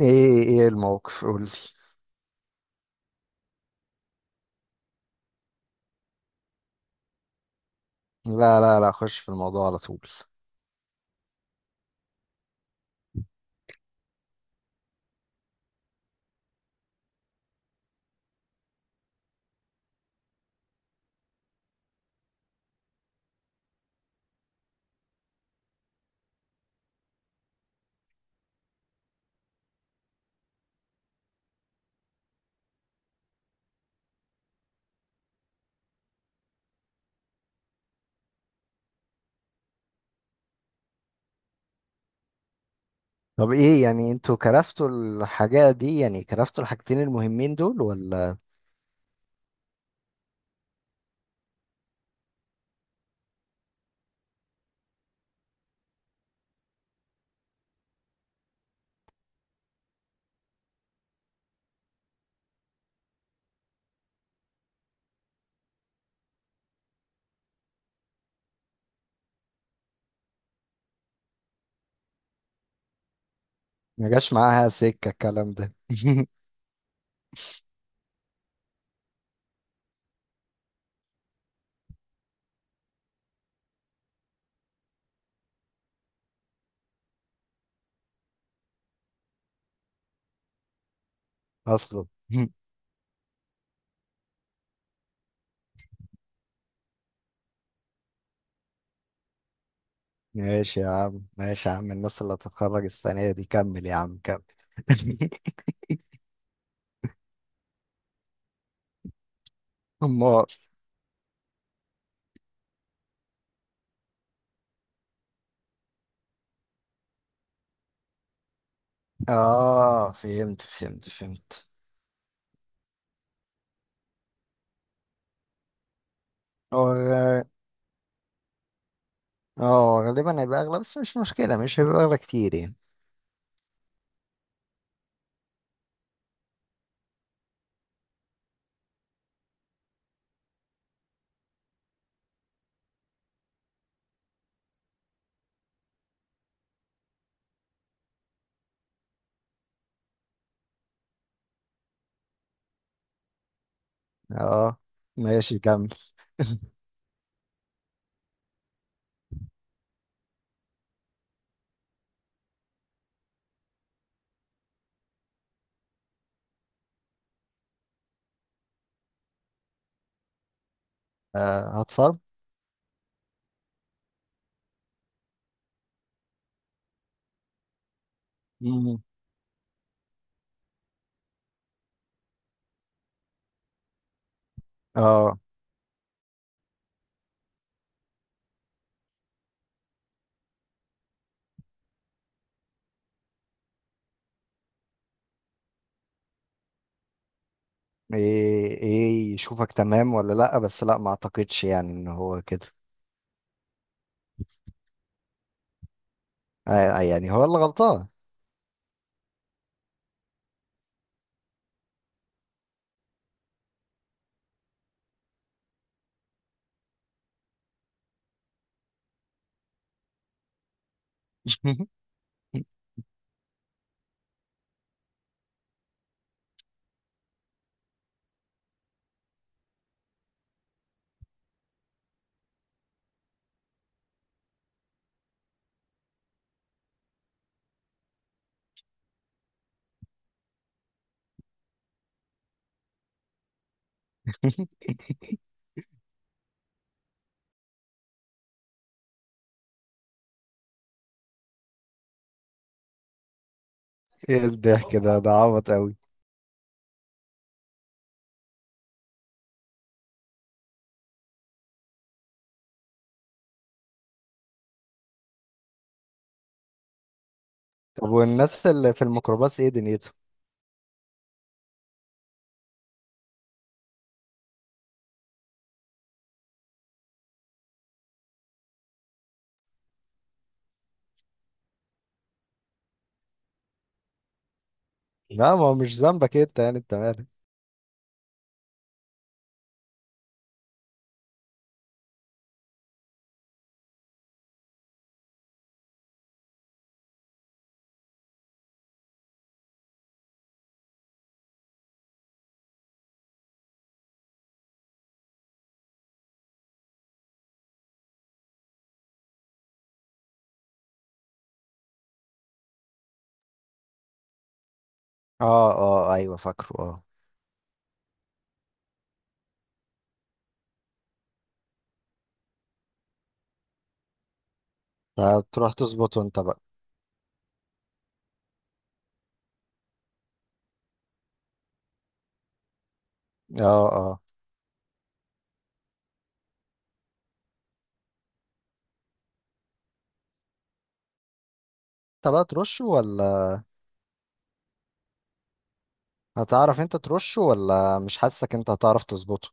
ايه ايه ايه الموقف؟ قولي. لا لا لا، خش في الموضوع على طول. طب ايه يعني، انتوا كرفتوا الحاجة دي؟ يعني كرفتوا الحاجتين المهمين دول ولا؟ ما جاش معاها سكة الكلام ده. اصلا. ماشي يا عم، ماشي يا عم، الناس اللي هتتخرج السنة دي. كمل يا عم كمل. امال. اه، فهمت فهمت فهمت. هو غالبا هيبقى اغلى، بس مش مشكلة، مش هيبقى اغلى كتير يعني. اه، ماشي كمل. آه، هتفرم. اه. ايه ايه، يشوفك تمام ولا لا؟ بس لا، ما اعتقدش يعني ان هو كده. آه آه، يعني هو اللي غلطان. ايه الضحك ده عبط قوي. طب والناس اللي في الميكروباص ايه دنيتهم؟ لا، ما هو مش ذنبك انت يعني، انت مالك. اه اه، ايوه فاكره اه. فتروح تظبطه انت بقى. اه اه، انت بقى ترشه ولا؟ هتعرف انت ترشه ولا؟ مش حاسك انت هتعرف تظبطه.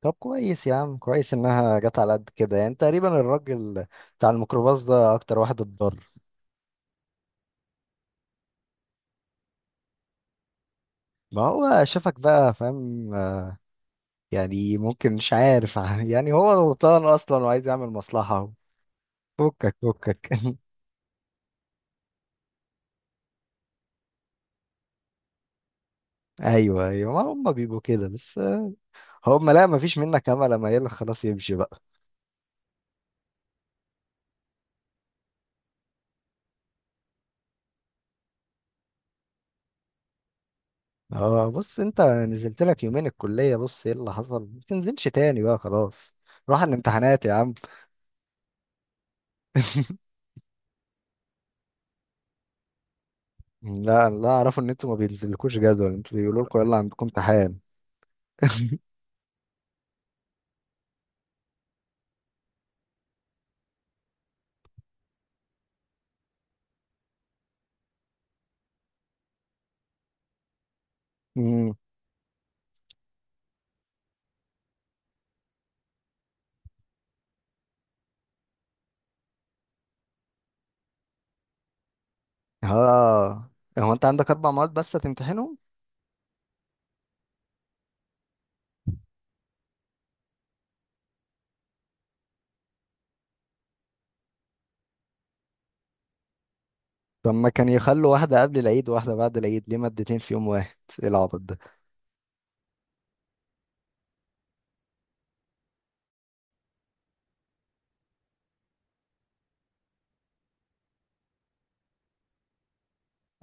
طب كويس يا عم، كويس انها جت على قد كده، يعني تقريبا الراجل بتاع الميكروباص ده اكتر واحد اتضرر. ما هو شافك بقى فاهم، يعني ممكن، مش عارف. يعني هو غلطان اصلا وعايز يعمل مصلحة. فكك فكك. ايوه ايوه، ما هم بيبقوا كده. بس هم، لا ما فيش منك امل، اما يلا خلاص يمشي بقى. اه، بص، انت نزلت لك يومين الكلية، بص ايه اللي حصل. ما تنزلش تاني بقى خلاص. روح على الامتحانات يا عم. لا لا، اعرفوا ان انتوا ما بينزلكوش جدول، انتوا بيقولوا لكم يلا عندكم امتحان. امم. اه، هو انت عندك اربع مواد بس هتمتحنهم؟ طب ما كان يخلوا واحدة قبل العيد وواحدة بعد العيد، ليه مادتين في يوم واحد؟ ايه العبط ده.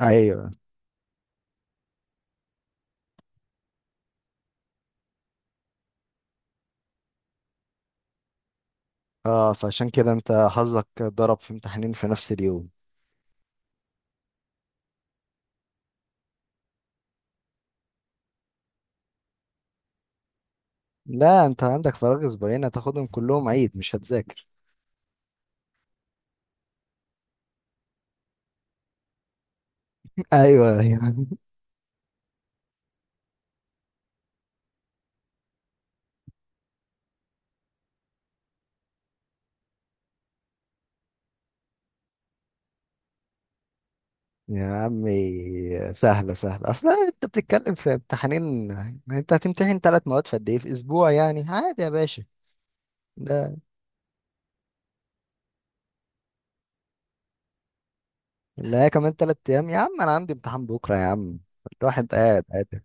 ايوه، اه فعشان كده انت حظك ضرب في امتحانين في نفس اليوم. لا، انت عندك فراغ اسبوعين، هتاخدهم كلهم عيد، مش هتذاكر. ايوه ايوه، يا عمي سهلة سهلة، اصلا انت بتتكلم في امتحانين، انت هتمتحن ثلاث مواد في قد ايه؟ في اسبوع، يعني عادي يا باشا. ده لا، كمان 3 ايام يا عم، انا عندي امتحان بكرة يا عم. الواحد قاعد قاعد.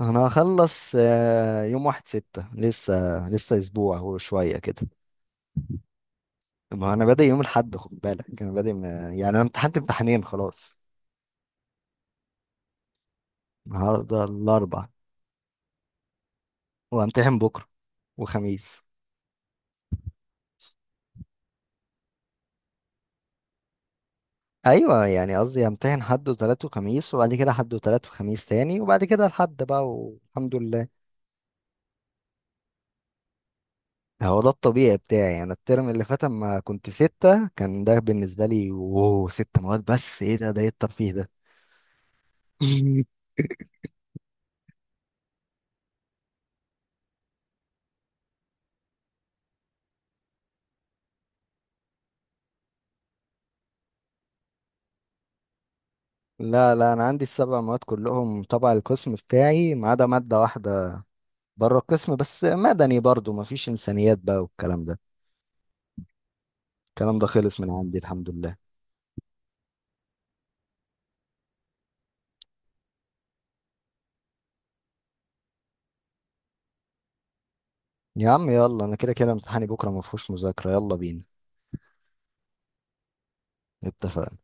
انا هخلص يوم 1/6 لسه، لسه اسبوع وشوية كده. ما انا بادئ يوم الاحد، خد بالك، انا بادئ يعني انا امتحنت امتحانين خلاص. النهارده الاربع، وامتحن بكرة، وخميس. ايوه، يعني قصدي امتحن حد وتلات وخميس، وبعد كده حد وتلات وخميس تاني، وبعد كده الحد بقى والحمد لله. هو ده الطبيعي بتاعي. انا الترم اللي فات اما كنت ستة كان ده بالنسبة لي اوه ست مواد، بس ايه ده ايه الترفيه ده؟ لا لا، انا عندي السبع مواد كلهم تبع القسم بتاعي، ما عدا ماده واحده بره القسم، بس مدني برضو ما فيش انسانيات بقى والكلام ده. الكلام ده خلص من عندي الحمد لله. يا عم يلا، انا كده كده امتحاني بكره ما فيهوش مذاكره، يلا بينا. اتفقنا.